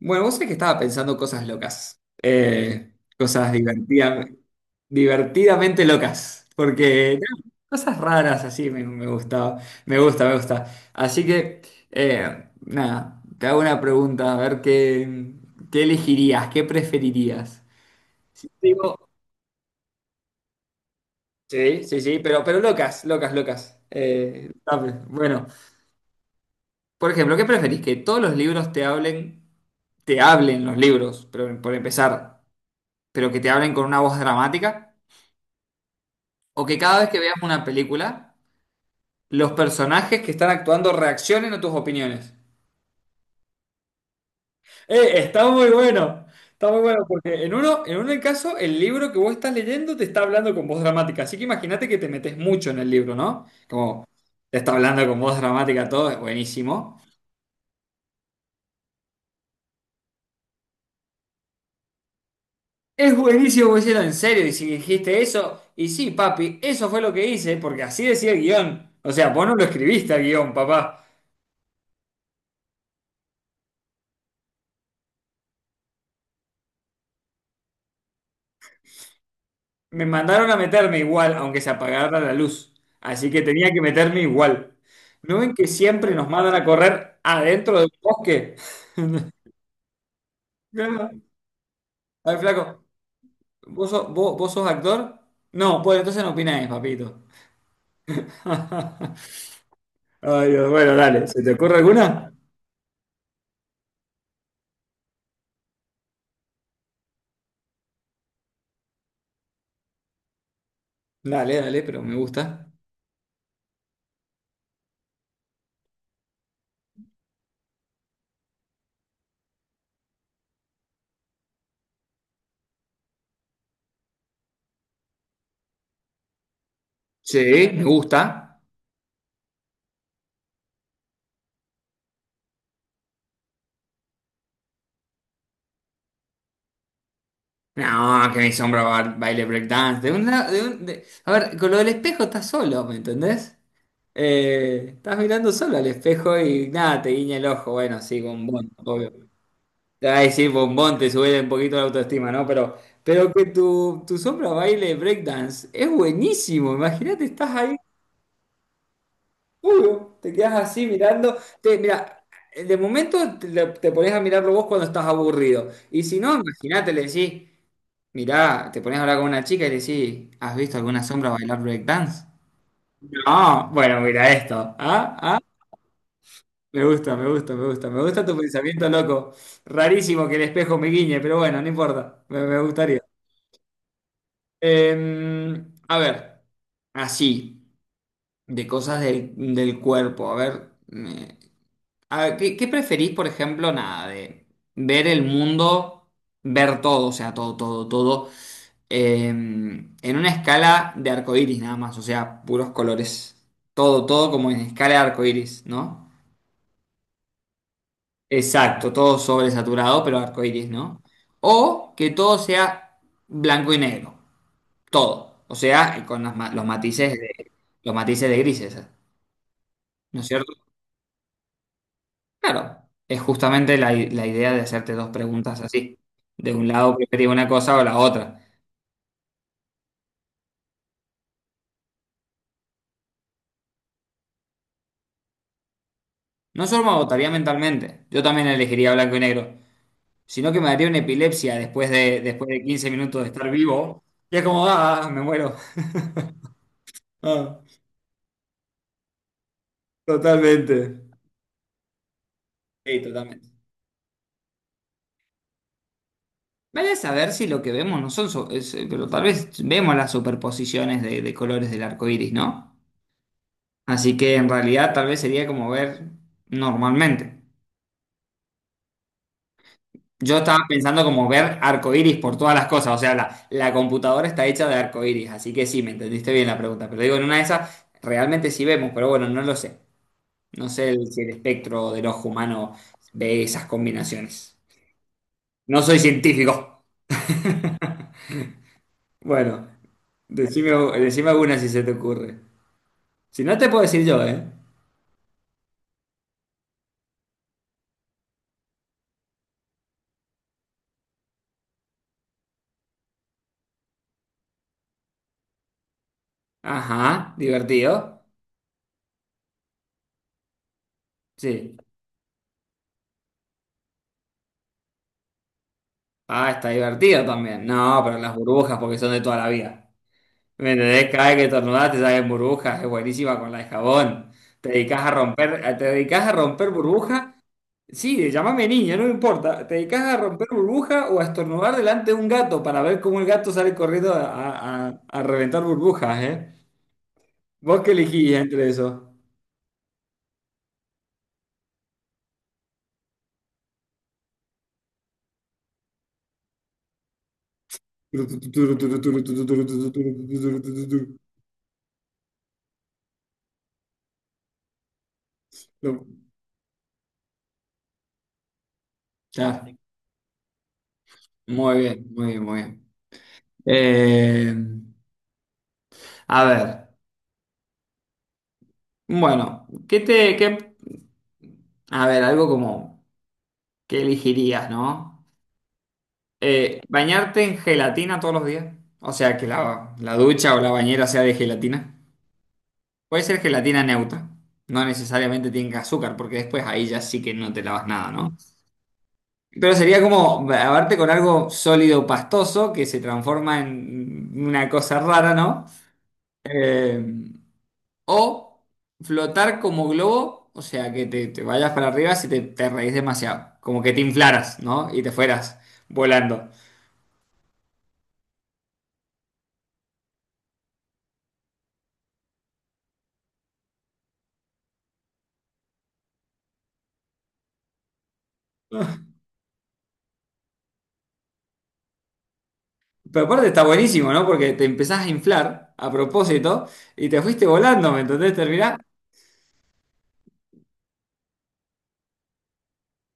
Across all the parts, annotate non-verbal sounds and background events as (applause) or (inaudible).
Bueno, vos sabés que estaba pensando cosas locas, cosas divertidamente locas, porque no, cosas raras así me gustaba, me gusta. Así que, nada, te hago una pregunta, a ver qué elegirías, qué preferirías. Si digo- Sí, sí, sí, pero locas, locas, locas. Dame. Bueno, por ejemplo, ¿qué preferís? ¿Que todos los libros te hablen los libros, pero por empezar? Pero que te hablen con una voz dramática, o que cada vez que veas una película, los personajes que están actuando reaccionen a tus opiniones. Eh, está muy bueno, está muy bueno, porque en uno, en un caso, el libro que vos estás leyendo te está hablando con voz dramática, así que imagínate que te metes mucho en el libro, ¿no? Como te está hablando con voz dramática todo, es buenísimo. Es buenísimo, vos decís, en serio, y si dijiste eso, y sí, papi, eso fue lo que hice, porque así decía el guión. O sea, vos no lo escribiste al guión, papá. Me mandaron a meterme igual, aunque se apagara la luz. Así que tenía que meterme igual. ¿No ven que siempre nos mandan a correr adentro del bosque? (laughs) Claro. A ver, flaco, ¿vos sos actor? No, pues entonces no opináis, papito. (laughs) Ay, Dios, bueno, dale. ¿Se te ocurre alguna? Dale, dale, pero me gusta. Sí, me gusta. No, que mi sombra un baile breakdance. De una, de un, de- A ver, con lo del espejo estás solo, ¿me entendés? Estás mirando solo al espejo y nada, te guiña el ojo. Bueno, sí, bombón, obvio. Te va a decir bombón, te sube un poquito la autoestima, ¿no? Pero que tu sombra baile breakdance es buenísimo. Imagínate, estás ahí, puro, te quedas así mirando. Mira, de momento te pones a mirarlo vos cuando estás aburrido. Y si no, imagínate, le decís. Mirá, te pones a hablar con una chica y le decís, ¿has visto alguna sombra bailar breakdance? No, bueno, mira esto. Ah, ah, me gusta. Me gusta tu pensamiento loco. Rarísimo que el espejo me guiñe, pero bueno, no importa. Me gustaría. Eh, a ver, así, de cosas del cuerpo. A ver, a ver, ¿qué preferís, por ejemplo, nada, de ver el mundo, ver todo, o sea, todo, todo, todo? En una escala de arcoíris nada más, o sea, puros colores. Todo, todo como en escala de arcoíris, ¿no? Exacto, todo sobresaturado, pero arcoíris, ¿no? O que todo sea blanco y negro, todo. O sea, con las los matices los matices de grises, ¿no es cierto? Claro, es justamente la idea de hacerte dos preguntas así. De un lado preferiría una cosa o la otra. No solo me agotaría mentalmente, yo también elegiría blanco y negro, sino que me daría una epilepsia después de 15 minutos de estar vivo. Y es como, ah, me muero. (laughs) Ah, totalmente. Sí, totalmente. Vale saber si lo que vemos no son, pero tal vez vemos las superposiciones de colores del arco iris, ¿no? Así que en realidad tal vez sería como ver normalmente. Yo estaba pensando como ver arco iris por todas las cosas, o sea, la computadora está hecha de arco iris, así que sí, me entendiste bien la pregunta, pero digo, en una de esas realmente sí vemos, pero bueno, no lo sé. Si el espectro del ojo humano ve esas combinaciones. No soy científico. Bueno, decime, decime alguna si se te ocurre. Si no, te puedo decir yo, ¿eh? Ajá, divertido. Sí. Ah, está divertido también. No, pero las burbujas porque son de toda la vida. ¿Me entendés? Cada vez que estornudás te salen burbujas. Es buenísima con la de jabón. Te dedicás a romper burbujas. Sí, llámame niña, no me importa. ¿Te dedicas a romper burbuja o a estornudar delante de un gato para ver cómo el gato sale corriendo a, a reventar burbujas, eh? ¿Vos qué elegís entre eso? No, ya, muy bien, muy bien, muy bien. Eh, a ver, bueno, ¿qué te, qué, a ver, algo como, ¿qué elegirías, no? ¿Bañarte en gelatina todos los días? O sea, que la ducha o la bañera sea de gelatina. Puede ser gelatina neutra. No necesariamente tenga azúcar, porque después ahí ya sí que no te lavas nada, ¿no? Pero sería como lavarte con algo sólido, pastoso, que se transforma en una cosa rara, ¿no? Eh, o flotar como globo, o sea, que te vayas para arriba si te reís demasiado. Como que te inflaras, ¿no? Y te fueras volando. Pero aparte está buenísimo, ¿no? Porque te empezás a inflar a propósito y te fuiste volando, ¿me entendés? Terminás.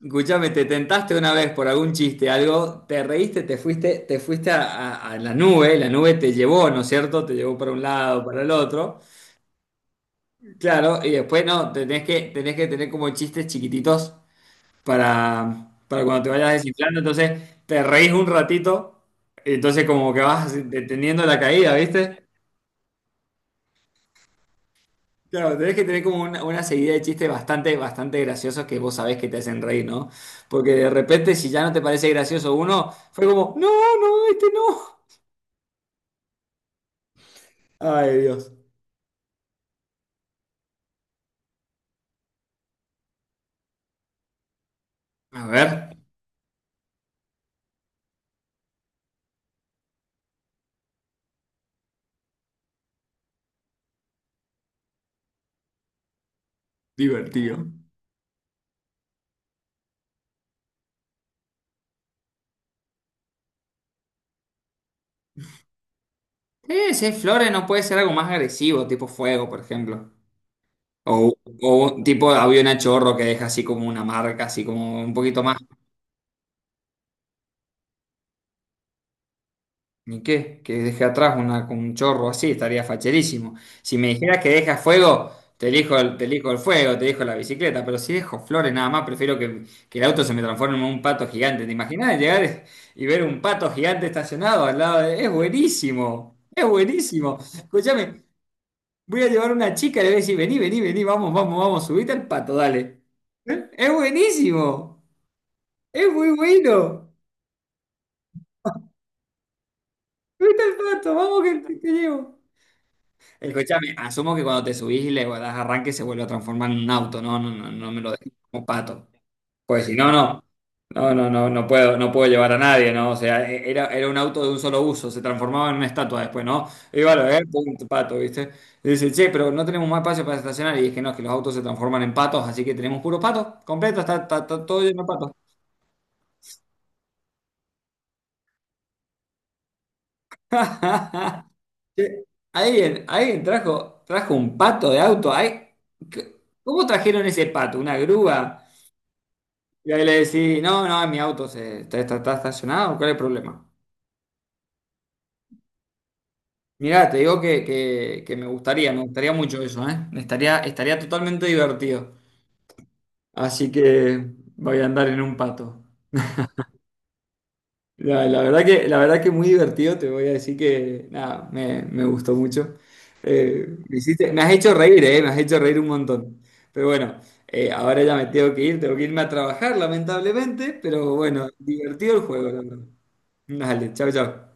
Escuchame, te tentaste una vez por algún chiste, algo, te reíste, te fuiste a, a la nube te llevó, ¿no es cierto? Te llevó para un lado, para el otro. Claro, y después no, tenés que tener como chistes chiquititos para cuando te vayas desinflando. Entonces, te reís un ratito, y entonces como que vas deteniendo la caída, ¿viste? Claro, tenés que tener como una seguida de chistes bastante graciosos que vos sabés que te hacen reír, ¿no? Porque de repente, si ya no te parece gracioso uno, fue como, no, no, este no. Ay, Dios. A ver, divertido. Si es flores, no puede ser algo más agresivo, tipo fuego, por ejemplo. O, o un tipo de avión a chorro que deja así como una marca, así como un poquito más. Ni qué, que deje atrás una, con un chorro así, estaría facherísimo. Si me dijeras que deja fuego, te elijo te elijo el fuego, te elijo la bicicleta, pero si dejo flores nada más, prefiero que el auto se me transforme en un pato gigante. ¿Te imaginas llegar y ver un pato gigante estacionado al lado de... Es buenísimo, es buenísimo. Escúchame, voy a llevar a una chica y le voy a decir, vení, vení, vení, vamos, vamos, vamos, subite al pato, dale. ¿Eh? Es buenísimo, es muy bueno. Subite al pato, vamos que te llevo. Escúchame, asumo que cuando te subís y le das arranque se vuelve a transformar en un auto, no, no, no, no me lo dejes como pato. Pues si no, no, no, no, no, no puedo, no puedo llevar a nadie, ¿no? O sea, era un auto de un solo uso, se transformaba en una estatua después, ¿no? Iba a lo ver, pum, pato, ¿viste? Y dice, che, pero no tenemos más espacio para estacionar. Y dije, no, es que los autos se transforman en patos, así que tenemos puros patos, completo, está todo lleno de patos. (laughs) Che, alguien, trajo un pato de auto, ¿ay? ¿qué- ¿Cómo trajeron ese pato? ¿Una grúa? Y ahí le decís, no, no, está estacionado, ¿cuál es el problema? Mirá, te digo que me gustaría mucho eso, ¿eh? Estaría totalmente divertido. Así que voy a andar en un pato. La verdad que muy divertido, te voy a decir que, nada, me gustó mucho. Me has hecho reír, ¿eh? Me has hecho reír un montón. Pero bueno, ahora ya me tengo que ir, tengo que irme a trabajar, lamentablemente, pero bueno, divertido el juego, la verdad. Dale, chao, chao.